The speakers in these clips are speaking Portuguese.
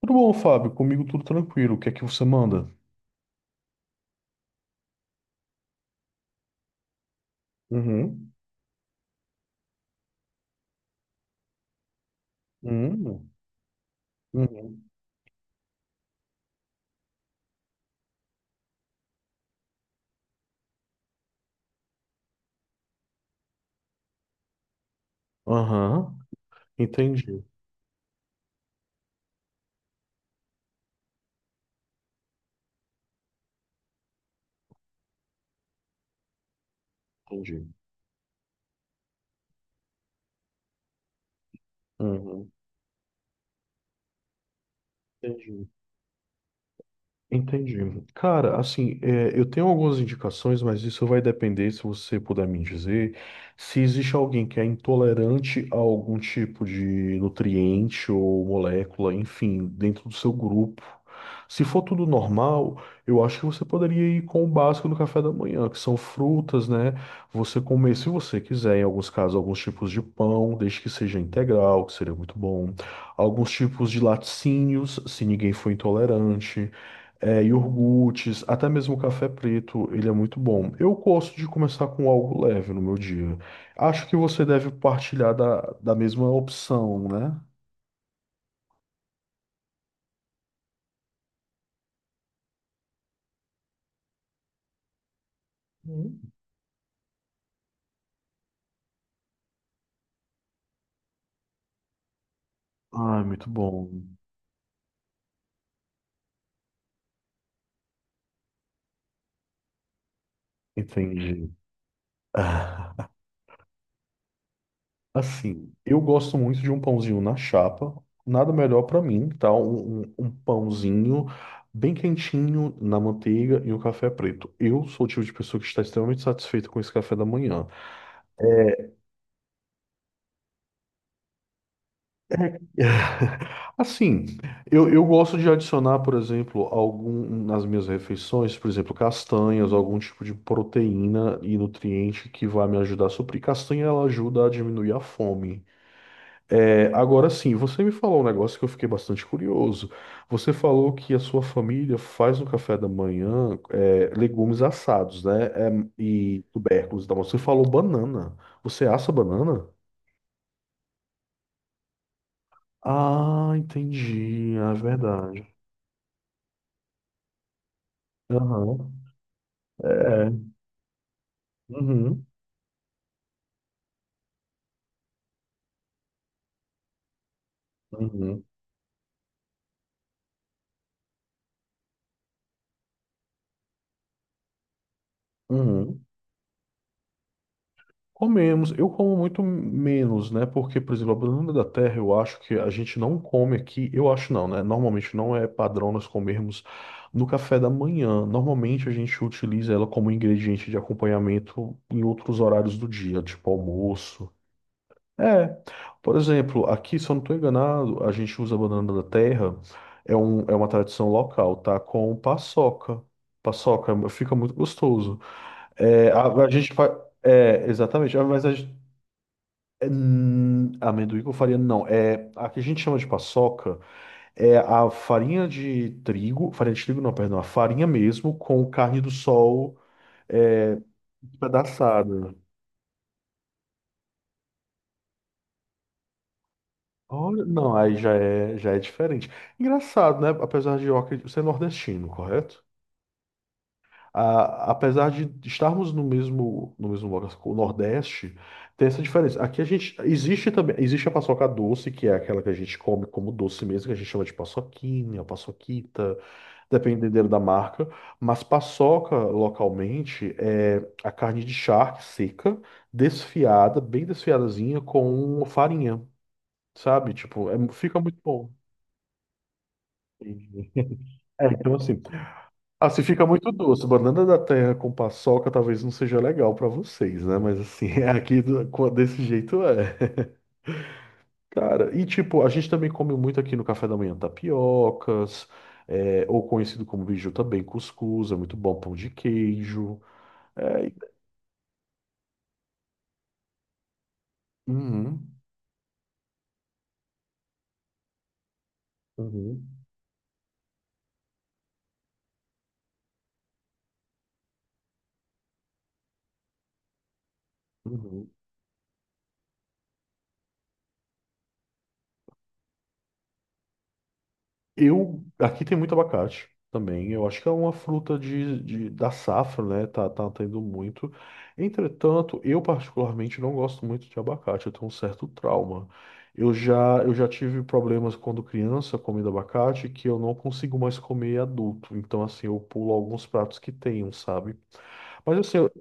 Tudo bom, Fábio? Comigo tudo tranquilo. O que é que você manda? Uhum. Uhum. Uhum. Aham. Entendi. Entendi. Uhum. Entendi. Entendi. Cara, assim, eu tenho algumas indicações, mas isso vai depender, se você puder me dizer, se existe alguém que é intolerante a algum tipo de nutriente ou molécula, enfim, dentro do seu grupo. Se for tudo normal, eu acho que você poderia ir com o básico do café da manhã, que são frutas, né? Você comer, se você quiser, em alguns casos, alguns tipos de pão, desde que seja integral, que seria muito bom. Alguns tipos de laticínios, se ninguém for intolerante iogurtes, até mesmo o café preto, ele é muito bom. Eu gosto de começar com algo leve no meu dia. Acho que você deve partilhar da mesma opção, né? Hum. Ah, muito bom. Entendi. Ah, assim, eu gosto muito de um pãozinho na chapa. Nada melhor pra mim, tá? Um pãozinho bem quentinho na manteiga e um café preto. Eu sou o tipo de pessoa que está extremamente satisfeita com esse café da manhã. É, assim, eu gosto de adicionar, por exemplo, algum nas minhas refeições, por exemplo, castanhas, algum tipo de proteína e nutriente que vai me ajudar a suprir. Castanha, ela ajuda a diminuir a fome. É, agora sim, você me falou um negócio que eu fiquei bastante curioso. Você falou que a sua família faz no café da manhã legumes assados, né? É, e tubérculos e tal. Você falou banana. Você assa banana? Ah, entendi. É verdade. Aham. É. Uhum. Uhum. Uhum. Comemos. Eu como muito menos, né? Porque, por exemplo, a banana da terra, eu acho que a gente não come aqui. Eu acho não, né? Normalmente não é padrão nós comermos no café da manhã. Normalmente a gente utiliza ela como ingrediente de acompanhamento em outros horários do dia, tipo almoço. É, por exemplo, aqui, se eu não estou enganado, a gente usa a banana da terra, é uma tradição local, tá? Com paçoca. Paçoca fica muito gostoso. É, a gente faz. É, exatamente, ah, mas a gente. Amendoim com farinha, não. É, a que a gente chama de paçoca é a farinha de trigo não, perdão, a farinha mesmo com carne do sol é, pedaçada. Olha, não, aí já é diferente. Engraçado, né? Apesar de Oca ser nordestino, correto? Apesar de estarmos no mesmo lugar, o Nordeste, tem essa diferença. Aqui existe também, existe a paçoca doce, que é aquela que a gente come como doce mesmo, que a gente chama de paçoquinha, paçoquita, dependendo da marca. Mas paçoca, localmente, é a carne de charque seca, desfiada, bem desfiadazinha, com farinha, sabe? Tipo, fica muito bom. Entendi. É, então assim, se fica muito doce, banana da terra com paçoca talvez não seja legal pra vocês, né? Mas assim, é aqui desse jeito é. Cara, e tipo, a gente também come muito aqui no café da manhã tapiocas, ou conhecido como biju também, cuscuz, é muito bom, pão de queijo. É, e- uhum, uhum, uhum. Aqui tem muito abacate também. Eu acho que é uma fruta da safra, né? Tá tendo muito. Entretanto, eu particularmente não gosto muito de abacate. Eu tenho um certo trauma. Eu já tive problemas quando criança comendo abacate que eu não consigo mais comer adulto. Então, assim, eu pulo alguns pratos que tenham, sabe? Mas, assim, eu-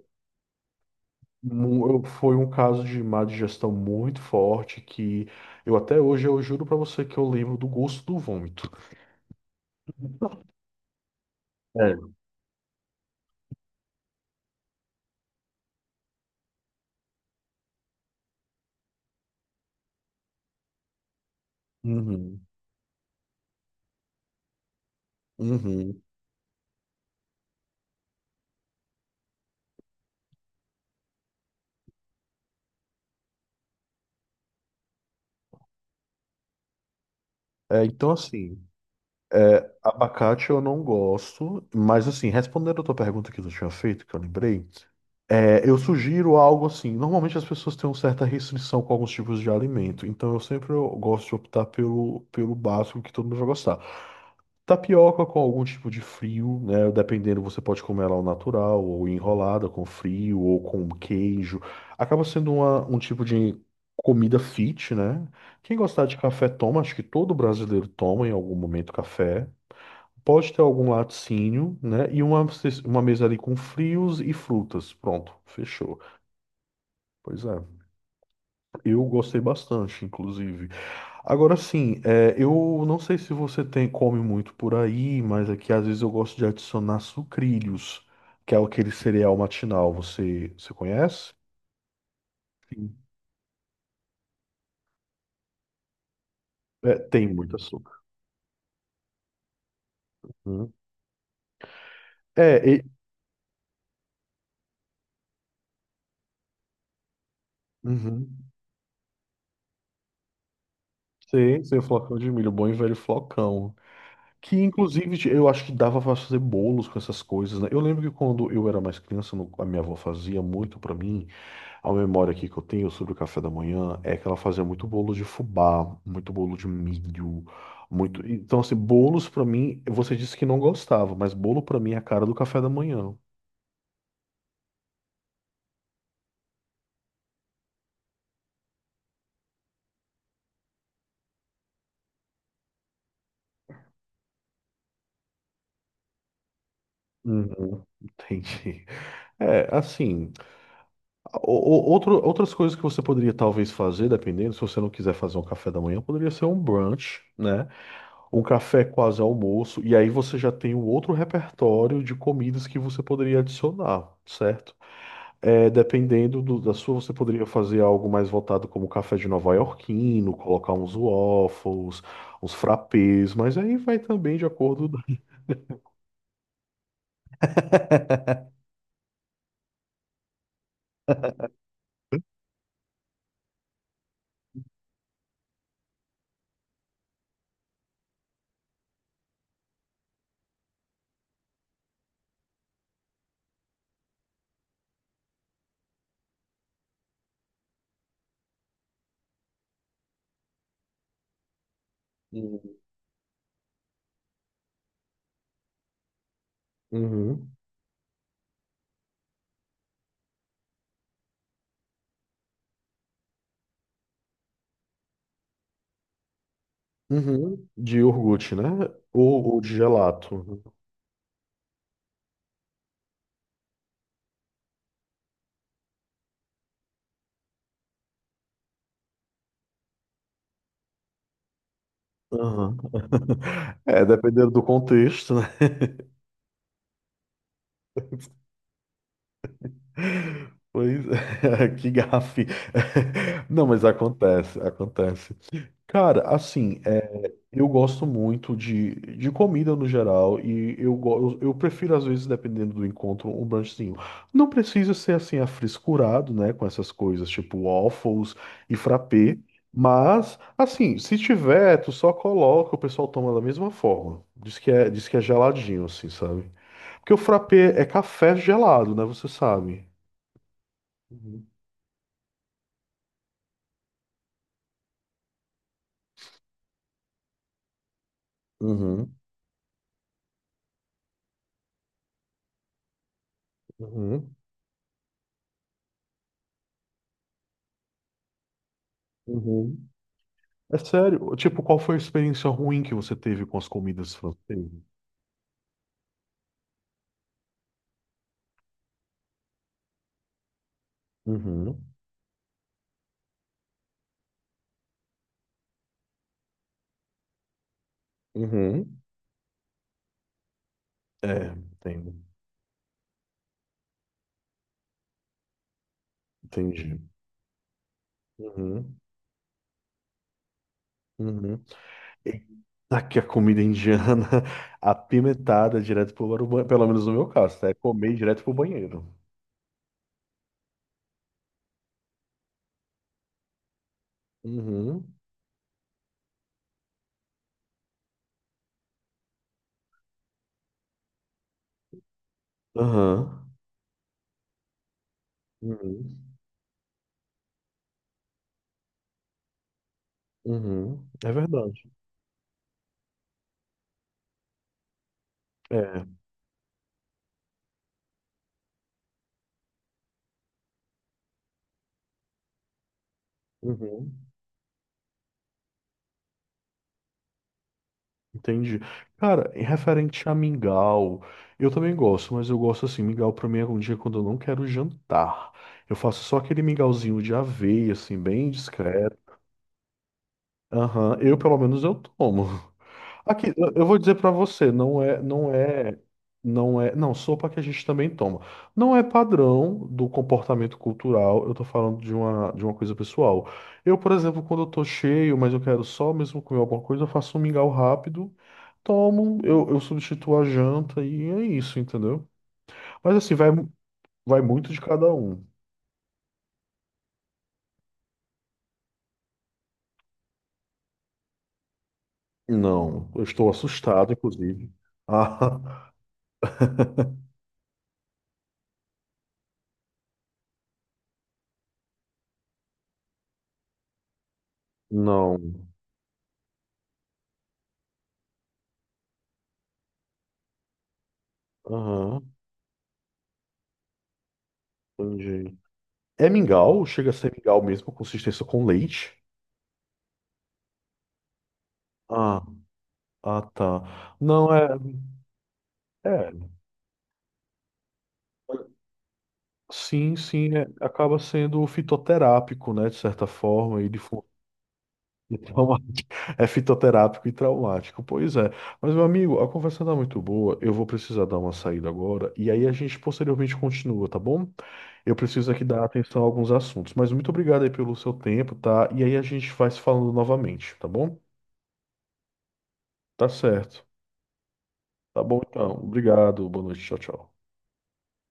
mu- eu- foi um caso de má digestão muito forte que eu até hoje eu juro pra você que eu lembro do gosto do vômito. É. Uhum. Uhum. É, então, assim, abacate eu não gosto, mas, assim, respondendo a tua pergunta que tu tinha feito, que eu lembrei, eu sugiro algo assim. Normalmente as pessoas têm uma certa restrição com alguns tipos de alimento, então eu sempre eu gosto de optar pelo básico que todo mundo vai gostar. Tapioca com algum tipo de frio, né? Dependendo, você pode comer ela ao natural, ou enrolada com frio, ou com queijo. Acaba sendo um tipo de comida fit, né? Quem gostar de café toma, acho que todo brasileiro toma em algum momento café. Pode ter algum laticínio, né? E uma mesa ali com frios e frutas. Pronto, fechou. Pois é, eu gostei bastante, inclusive. Agora sim, eu não sei se você come muito por aí, mas aqui às vezes eu gosto de adicionar sucrilhos, que é aquele cereal matinal. Você conhece? Sim. É, tem muito açúcar. Uhum. É, e... uhum. Sei, sei, flocão de milho, bom e velho flocão. Que inclusive eu acho que dava pra fazer bolos com essas coisas, né? Eu lembro que quando eu era mais criança, a minha avó fazia muito pra mim. A memória aqui que eu tenho sobre o café da manhã é que ela fazia muito bolo de fubá, muito bolo de milho, muito. Então, assim, bolos pra mim, você disse que não gostava, mas bolo pra mim é a cara do café da manhã. Uhum, entendi. É, assim, o- outras coisas que você poderia talvez fazer, dependendo, se você não quiser fazer um café da manhã, poderia ser um brunch, né? Um café quase almoço, e aí você já tem um outro repertório de comidas que você poderia adicionar, certo? É, dependendo você poderia fazer algo mais voltado como café de nova iorquino, colocar uns waffles, uns frappés, mas aí vai também de acordo da- Hum. Uhum. Uhum. De iogurte, né? Ou de gelato. Uhum. É, dependendo do contexto, né? Pois é, que gafe. Não, mas acontece, acontece. Cara, assim, eu gosto muito de comida no geral e eu prefiro, às vezes, dependendo do encontro, um brunchzinho. Não precisa ser, assim, afrescurado, né, com essas coisas, tipo waffles e frappé, mas, assim, se tiver, tu só coloca, o pessoal toma da mesma forma. Diz que é geladinho, assim, sabe? Porque o frappé é café gelado, né, você sabe. Uhum, uhum, uhum. É sério? Tipo, qual foi a experiência ruim que você teve com as comidas francesas? Uhum, uhum. É, entendo. Entendi. Uhum, uhum. Aqui a comida indiana apimentada direto pro banheiro, pelo menos no meu caso, tá? É comer direto pro banheiro. Uhum, aham. Uhum, uhum, é verdade. É. Uhum. Entendi. Cara, em referente a mingau, eu também gosto, mas eu gosto assim, mingau pra mim é um dia quando eu não quero jantar. Eu faço só aquele mingauzinho de aveia, assim, bem discreto. Aham, eu pelo menos eu tomo. Aqui, eu vou dizer pra você, não, sopa que a gente também toma. Não é padrão do comportamento cultural, eu tô falando de uma coisa pessoal. Eu, por exemplo, quando eu tô cheio, mas eu quero só mesmo comer alguma coisa, eu faço um mingau rápido, tomo, eu substituo a janta e é isso, entendeu? Mas assim, vai muito de cada um. Não, eu estou assustado, inclusive. Ah, não. Aham, entendi. É mingau, chega a ser mingau mesmo, consistência com leite. Ah, ah, tá. Não, é, sim, sim, acaba sendo fitoterápico, né, de certa forma, e de forma traumática. É fitoterápico e traumático, pois é. Mas, meu amigo, a conversa tá muito boa, eu vou precisar dar uma saída agora, e aí a gente posteriormente continua, tá bom? Eu preciso aqui dar atenção a alguns assuntos, mas muito obrigado aí pelo seu tempo, tá? E aí a gente vai se falando novamente, tá bom? Tá certo. Tá bom, então. Obrigado. Boa noite. Tchau, tchau.